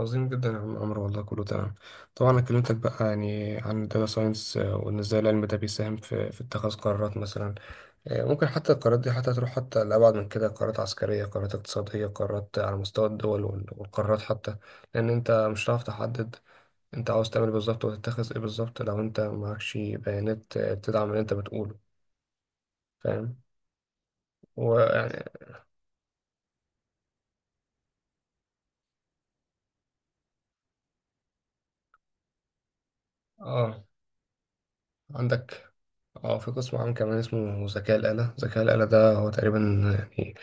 عظيم جدا يا عم عمرو، والله كله تمام. طبعا انا كلمتك بقى يعني عن الداتا ساينس، وان ازاي العلم ده بيساهم في اتخاذ قرارات مثلا. ممكن حتى القرارات دي حتى تروح حتى لأبعد من كده، قرارات عسكرية، قرارات اقتصادية، قرارات على مستوى الدول، والقرارات حتى، لأن أنت مش هتعرف تحدد أنت عاوز تعمل إيه بالظبط وتتخذ إيه بالظبط لو أنت معكش بيانات تدعم اللي أنت بتقوله. فاهم. ويعني آه عندك اه في قسم عام كمان اسمه ذكاء الآلة. ذكاء الآلة ده هو تقريبا يعني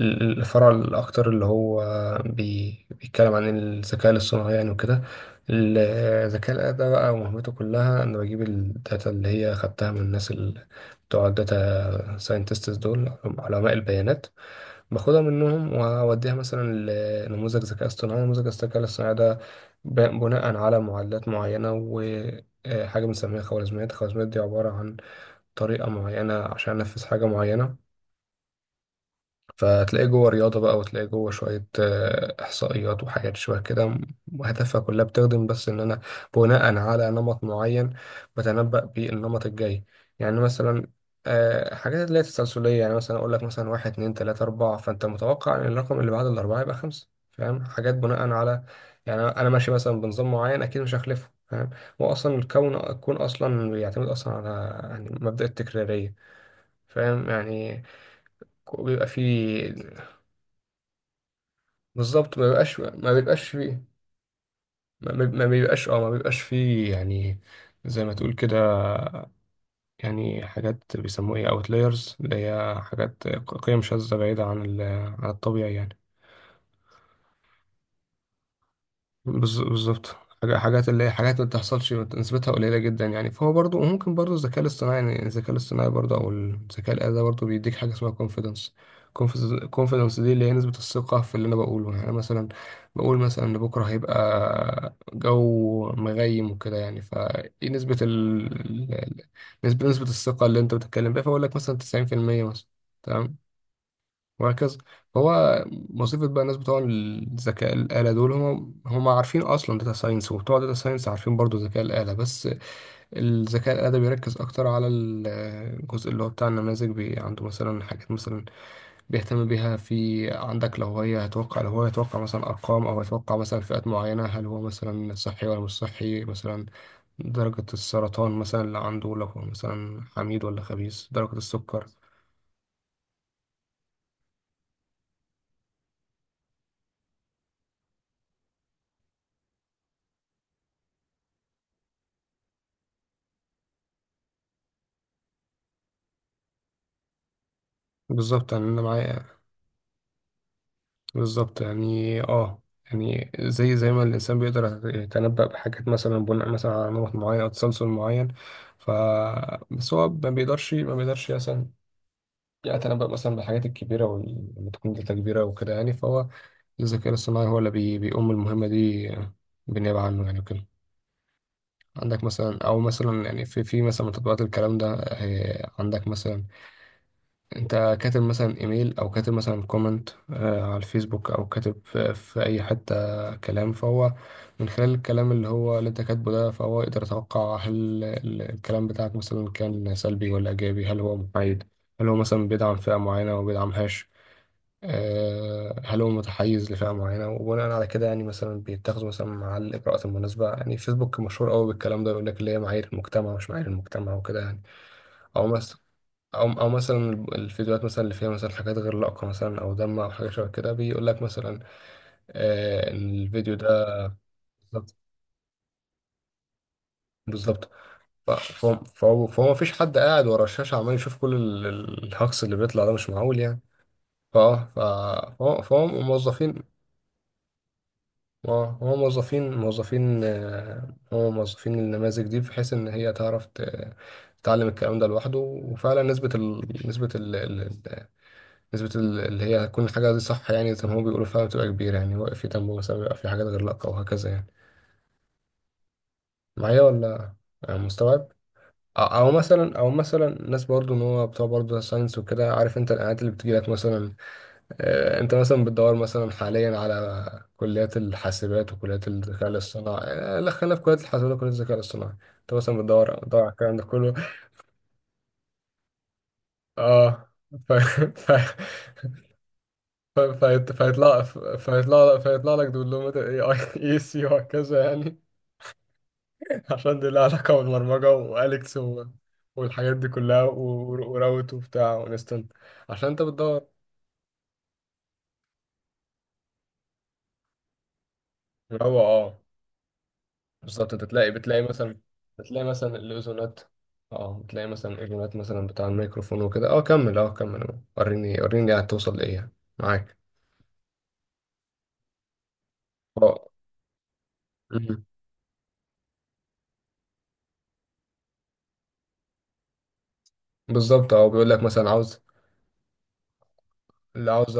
الفرع الأكتر اللي هو بيتكلم عن الذكاء الاصطناعي يعني وكده. الذكاء ده بقى مهمته كلها إنه بجيب الداتا اللي هي خدتها من الناس اللي بتوع الداتا ساينتستس دول، علماء البيانات. باخدها منهم وأوديها مثلا لنموذج ذكاء اصطناعي. نموذج الذكاء الاصطناعي ده بناء على معادلات معينة وحاجة بنسميها خوارزميات. الخوارزميات دي عبارة عن طريقة معينة عشان أنفذ حاجة معينة. فتلاقيه جوه رياضة بقى، وتلاقيه جوه شوية إحصائيات وحاجات شوية كده، وهدفها كلها بتخدم بس إن أنا بناء على نمط معين بتنبأ بيه النمط الجاي. يعني مثلا حاجات اللي هي التسلسلية، يعني مثلا أقول لك مثلا واحد اتنين تلاتة أربعة، فأنت متوقع إن الرقم اللي بعد الأربعة يبقى خمسة. فاهم، حاجات بناء على يعني أنا ماشي مثلا بنظام معين أكيد مش هخلفه. فاهم. هو أصلا الكون أصلا بيعتمد أصلا على يعني مبدأ التكرارية. فاهم يعني بيبقى فيه. بالظبط، ما بيبقاش فيه. ما بيبقاش فيه يعني، زي ما تقول كده. يعني حاجات بيسموها ايه، اوتلايرز، اللي هي حاجات قيم شاذة بعيدة عن عن الطبيعي يعني. بالظبط. حاجات اللي هي حاجات ما بتحصلش نسبتها قليلة جدا يعني. فهو برضو، وممكن برضو الذكاء الاصطناعي يعني، الذكاء الآلي ده برضو بيديك حاجة اسمها confidence. confidence دي اللي هي نسبة الثقة في اللي أنا بقوله، يعني أنا مثلا بقول مثلا إن بكرة هيبقى جو مغيم وكده يعني. فإيه نسبة نسبة الثقة اللي أنت بتتكلم بيها. فأقول لك مثلا 90% مثلا. تمام. وهكذا. فهو مصيبة بقى. الناس بتوع الذكاء الآلة دول هم عارفين أصلا داتا ساينس، وبتوع داتا ساينس عارفين برضو ذكاء الآلة، بس الذكاء الآلة ده بيركز أكتر على الجزء اللي هو بتاع النماذج. بي عنده مثلا حاجات مثلا بيهتم بيها، في عندك لو هي هتوقع لو هو يتوقع مثلا أرقام، أو يتوقع مثلا فئات معينة، هل هو مثلا صحي ولا مش صحي مثلا، درجة السرطان مثلا اللي عنده لو هو مثلا حميد ولا خبيث، درجة السكر. بالظبط يعني أنا معايا. بالظبط يعني اه، يعني زي ما الإنسان بيقدر يتنبأ بحاجات مثلا بناء مثلا على نمط معين أو تسلسل معين. ف بس هو ما بيقدرش مثلا يتنبأ مثلا بالحاجات الكبيرة واللي تكون داتا كبيرة وكده يعني. فهو الذكاء الاصطناعي هو اللي بيقوم المهمة دي بالنيابة عنه يعني وكده. عندك مثلا، أو مثلا يعني في مثلا من تطبيقات الكلام ده، عندك مثلا انت كاتب مثلا ايميل، او كاتب مثلا كومنت على الفيسبوك، او كاتب في اي حتة كلام. فهو من خلال الكلام اللي هو اللي انت كاتبه ده، فهو يقدر يتوقع هل الكلام بتاعك مثلا كان سلبي ولا ايجابي، هل هو محايد، هل هو مثلا بيدعم فئة معينة وما بيدعمهاش، هل هو متحيز لفئة معينة. وبناء على كده يعني مثلا بيتاخدوا مثلا مع الإجراءات المناسبة يعني. فيسبوك مشهور قوي بالكلام ده، يقول لك اللي هي معايير المجتمع مش معايير المجتمع وكده يعني. أو مثلا، او مثلا الفيديوهات مثلا اللي فيها مثلا حاجات غير لائقه مثلا او دم او حاجه شبه كده، بيقول لك مثلا آه ان الفيديو ده. بالظبط. بالظبط. فهو مفيش حد قاعد ورا الشاشه عمال يشوف كل الهجص اللي بيطلع ده، مش معقول يعني. فاه ف- فهو فهو موظفين. اه هو موظفين هو موظفين النماذج دي بحيث ان هي تعرف تتعلم الكلام ده لوحده. وفعلا نسبه ال... نسبه نسبة ال- اللي هي هتكون الحاجة دي صح، يعني زي ما هو بيقولوا فعلا بتبقى كبيرة يعني. واقف في دم مثلا بيبقى في حاجات غير لائقة، وهكذا يعني. معايا ولا مستوعب؟ أو أو مثلا الناس برضو إن هو بتوع برضو ساينس وكده، عارف أنت الإعلانات اللي بتجيلك مثلا؟ أنت مثلا بتدور مثلا حاليا على كليات الحاسبات وكليات الذكاء الاصطناعي، لا خلينا في كليات الحاسبات وكليات الذكاء الاصطناعي. أنت مثلا بتدور على الكلام ده كله. أه ف... ف... فهيطلع لك دبلومة الاي اي اي سي وهكذا يعني. عشان دي لها علاقة بالبرمجة واليكس والحاجات دي كلها وراوت وبتاع وانستنت. عشان انت بتدور. هو اه بالظبط. انت تلاقي بتلاقي مثلا الاذونات. اه بتلاقي مثلا الاذونات مثلا بتاع الميكروفون وكده. اه كمل، اه كمل، وريني وريني هتوصل لايه يعني. معاك. اه مم. بالظبط اه بيقول لك مثلا عاوز اللي عاوز،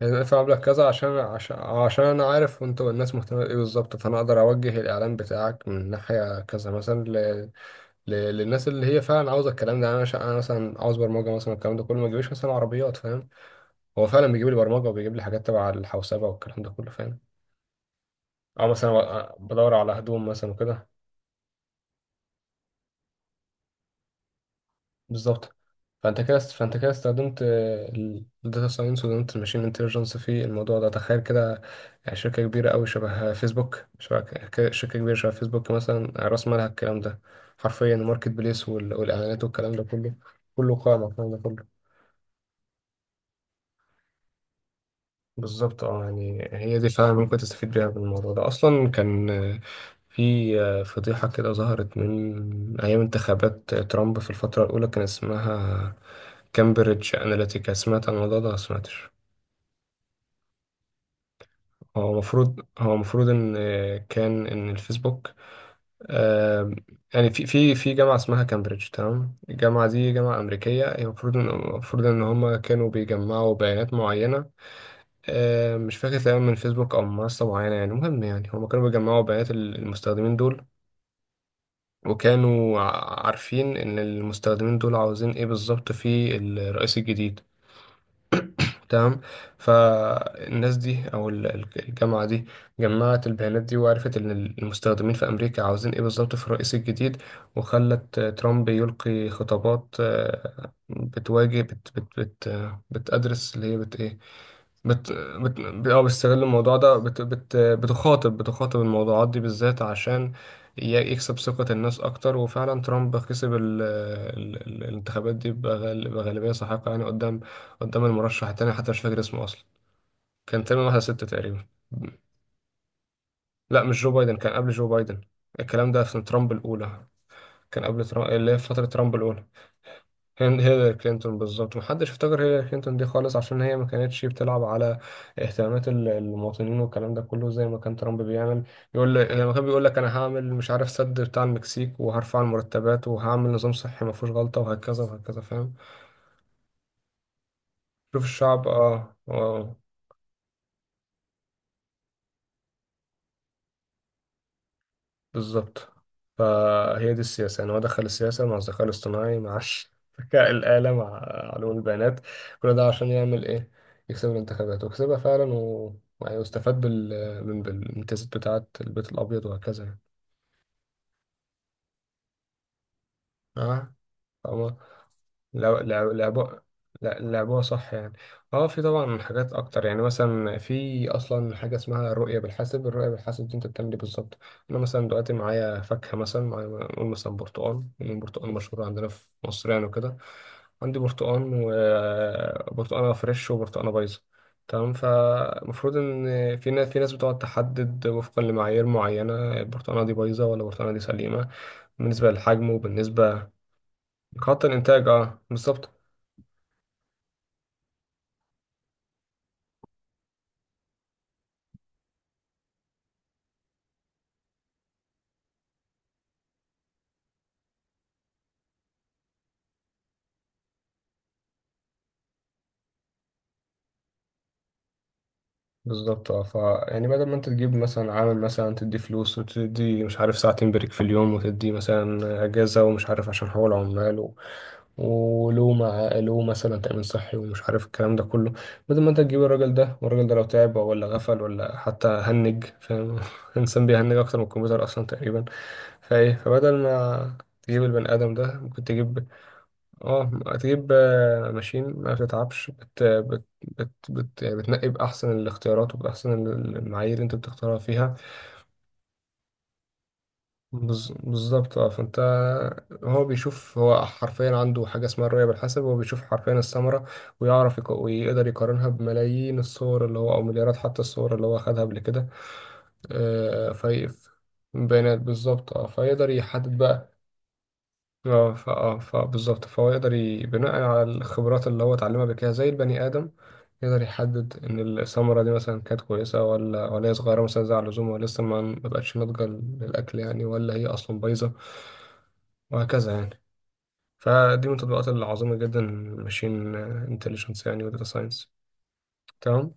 يعني ادفع مبلغ كذا عشان عشان انا عارف انتوا الناس مهتمه بايه بالظبط. فانا اقدر اوجه الاعلان بتاعك من ناحيه كذا مثلا للناس اللي هي فعلا عاوزه الكلام ده يعني. انا مثلا عاوز برمجه مثلا، الكلام ده كله ما يجيبليش مثلا عربيات. فاهم. هو فعلا بيجيب لي برمجه وبيجيب لي حاجات تبع الحوسبه والكلام ده كله. فاهم. او مثلا بدور على هدوم مثلا وكده. بالظبط، فانت كده استخدمت الداتا ساينس وستخدمت الماشين انتليجنس في الموضوع ده. تخيل كده، يعني شركه كبيره قوي شبه فيسبوك، شركه كبيره شبه فيسبوك مثلا، راس مالها الكلام ده، حرفيا الماركت بليس والاعلانات والكلام ده كله. كله قائم على الكلام ده كله. بالظبط اه، يعني هي دي فعلا ممكن تستفيد بيها من الموضوع ده. اصلا كان في فضيحه كده ظهرت من ايام انتخابات ترامب في الفتره الاولى، كان اسمها كامبريدج أناليتيكا. سمعت عن الموضوع ده ولا سمعتش؟ هو المفروض ان كان ان الفيسبوك آه، يعني في جامعه اسمها كامبريدج. تمام. الجامعه دي جامعه امريكيه، هي المفروض ان هم كانوا بيجمعوا بيانات معينه، مش فاكر تقريبا من فيسبوك او من منصه معينه يعني. المهم يعني هم كانوا بيجمعوا بيانات المستخدمين دول، وكانوا عارفين ان المستخدمين دول عاوزين ايه بالظبط في الرئيس الجديد. تمام. فالناس دي او الجامعه دي جمعت البيانات دي، وعرفت ان المستخدمين في امريكا عاوزين ايه بالظبط في الرئيس الجديد. وخلت ترامب يلقي خطابات بتواجه بت بت بت آه، بتأدرس اللي هي بت ايه بت بت اه بيستغل الموضوع ده بت بت بتخاطب الموضوعات دي بالذات عشان يكسب ثقة الناس أكتر. وفعلا ترامب كسب الانتخابات دي بغالبية ساحقة يعني قدام المرشح التاني، حتى مش فاكر اسمه أصلا. كان تقريبا واحد ستة تقريبا. لا مش جو بايدن، كان قبل جو بايدن. الكلام ده في ترامب الأولى. كان قبل ترامب اللي هي في فترة ترامب الأولى. كان هيلاري كلينتون بالظبط. محدش افتكر هيلاري كلينتون دي خالص عشان هي ما كانتش بتلعب على اهتمامات المواطنين والكلام ده كله زي ما كان ترامب بيعمل. يقول لك لما كان بيقول لك انا هعمل مش عارف سد بتاع المكسيك، وهرفع المرتبات، وهعمل نظام صحي ما فيهوش غلطة، وهكذا وهكذا. فاهم. شوف الشعب اه آه. بالظبط. فهي دي السياسة يعني، هو دخل السياسة مع الذكاء الاصطناعي، مع ذكاء الآلة، مع علوم البيانات. كل ده عشان يعمل إيه، يكسب الانتخابات. وكسبها فعلا، ويستفاد من بالامتيازات بتاعة البيت الأبيض وهكذا يعني. اه لو لعبوها. لا لعبوها صح يعني. اه في طبعا حاجات اكتر يعني. مثلا في اصلا حاجه اسمها الرؤيه بالحاسب. الرؤيه بالحاسب دي انت بتعمل ايه بالظبط؟ انا مثلا دلوقتي معايا فاكهه مثلا، معايا نقول مثلا برتقال، لان البرتقال مشهور عندنا في مصر يعني وكده. عندي برتقال، وبرتقاله فريش وبرتقاله بايظه. تمام. فالمفروض ان في ناس بتقعد تحدد وفقا لمعايير معينه البرتقاله دي بايظه ولا البرتقاله دي سليمه، بالنسبه للحجم وبالنسبه لخط الانتاج. اه بالظبط. بالظبط اه ف، يعني بدل ما انت تجيب مثلا عامل مثلا، تدي فلوس وتدي مش عارف ساعتين بريك في اليوم وتدي مثلا اجازه ومش عارف عشان حقوق العمال ولو مع له مثلا تامين صحي ومش عارف الكلام ده كله، بدل ما انت تجيب الراجل ده، والراجل ده لو تعب ولا غفل ولا حتى هنج، فاهم؟ الانسان بيهنج اكتر من الكمبيوتر اصلا تقريبا. فايه، فبدل ما تجيب البني ادم ده ممكن تجيب، اه هتجيب ماشين ما بتتعبش، بت بت بت, بت يعني بتنقي بأحسن الاختيارات وبأحسن المعايير اللي انت بتختارها فيها. بالظبط. اه فانت. هو بيشوف، هو حرفيا عنده حاجة اسمها الرؤية بالحسب. هو بيشوف حرفيا الثمرة، ويعرف ويقدر يقارنها بملايين الصور اللي هو، أو مليارات حتى الصور اللي هو خدها قبل كده في بيانات. بالظبط اه فيقدر يحدد بقى. بالظبط. فهو يقدر بناء على الخبرات اللي هو اتعلمها قبل كده زي البني آدم، يقدر يحدد إن الثمرة دي مثلا كانت كويسة، ولا هي صغيرة مثلا زي على اللزوم، ولا لسه ما بقتش ناضجة للأكل يعني، ولا هي أصلا بايظة، وهكذا يعني. فدي من التطبيقات العظيمة جدا، ماشين انتليجنس يعني وداتا ساينس. تمام.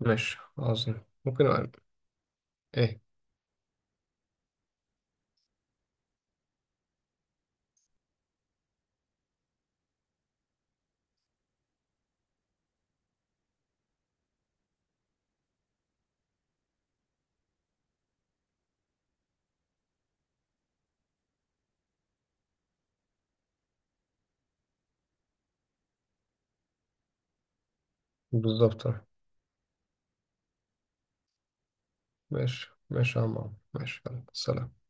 ماشي عظيم، ممكن أقل. ايه. بالظبط. ماشي ماشي يا عم عمرو. ماشي يلا. سلام.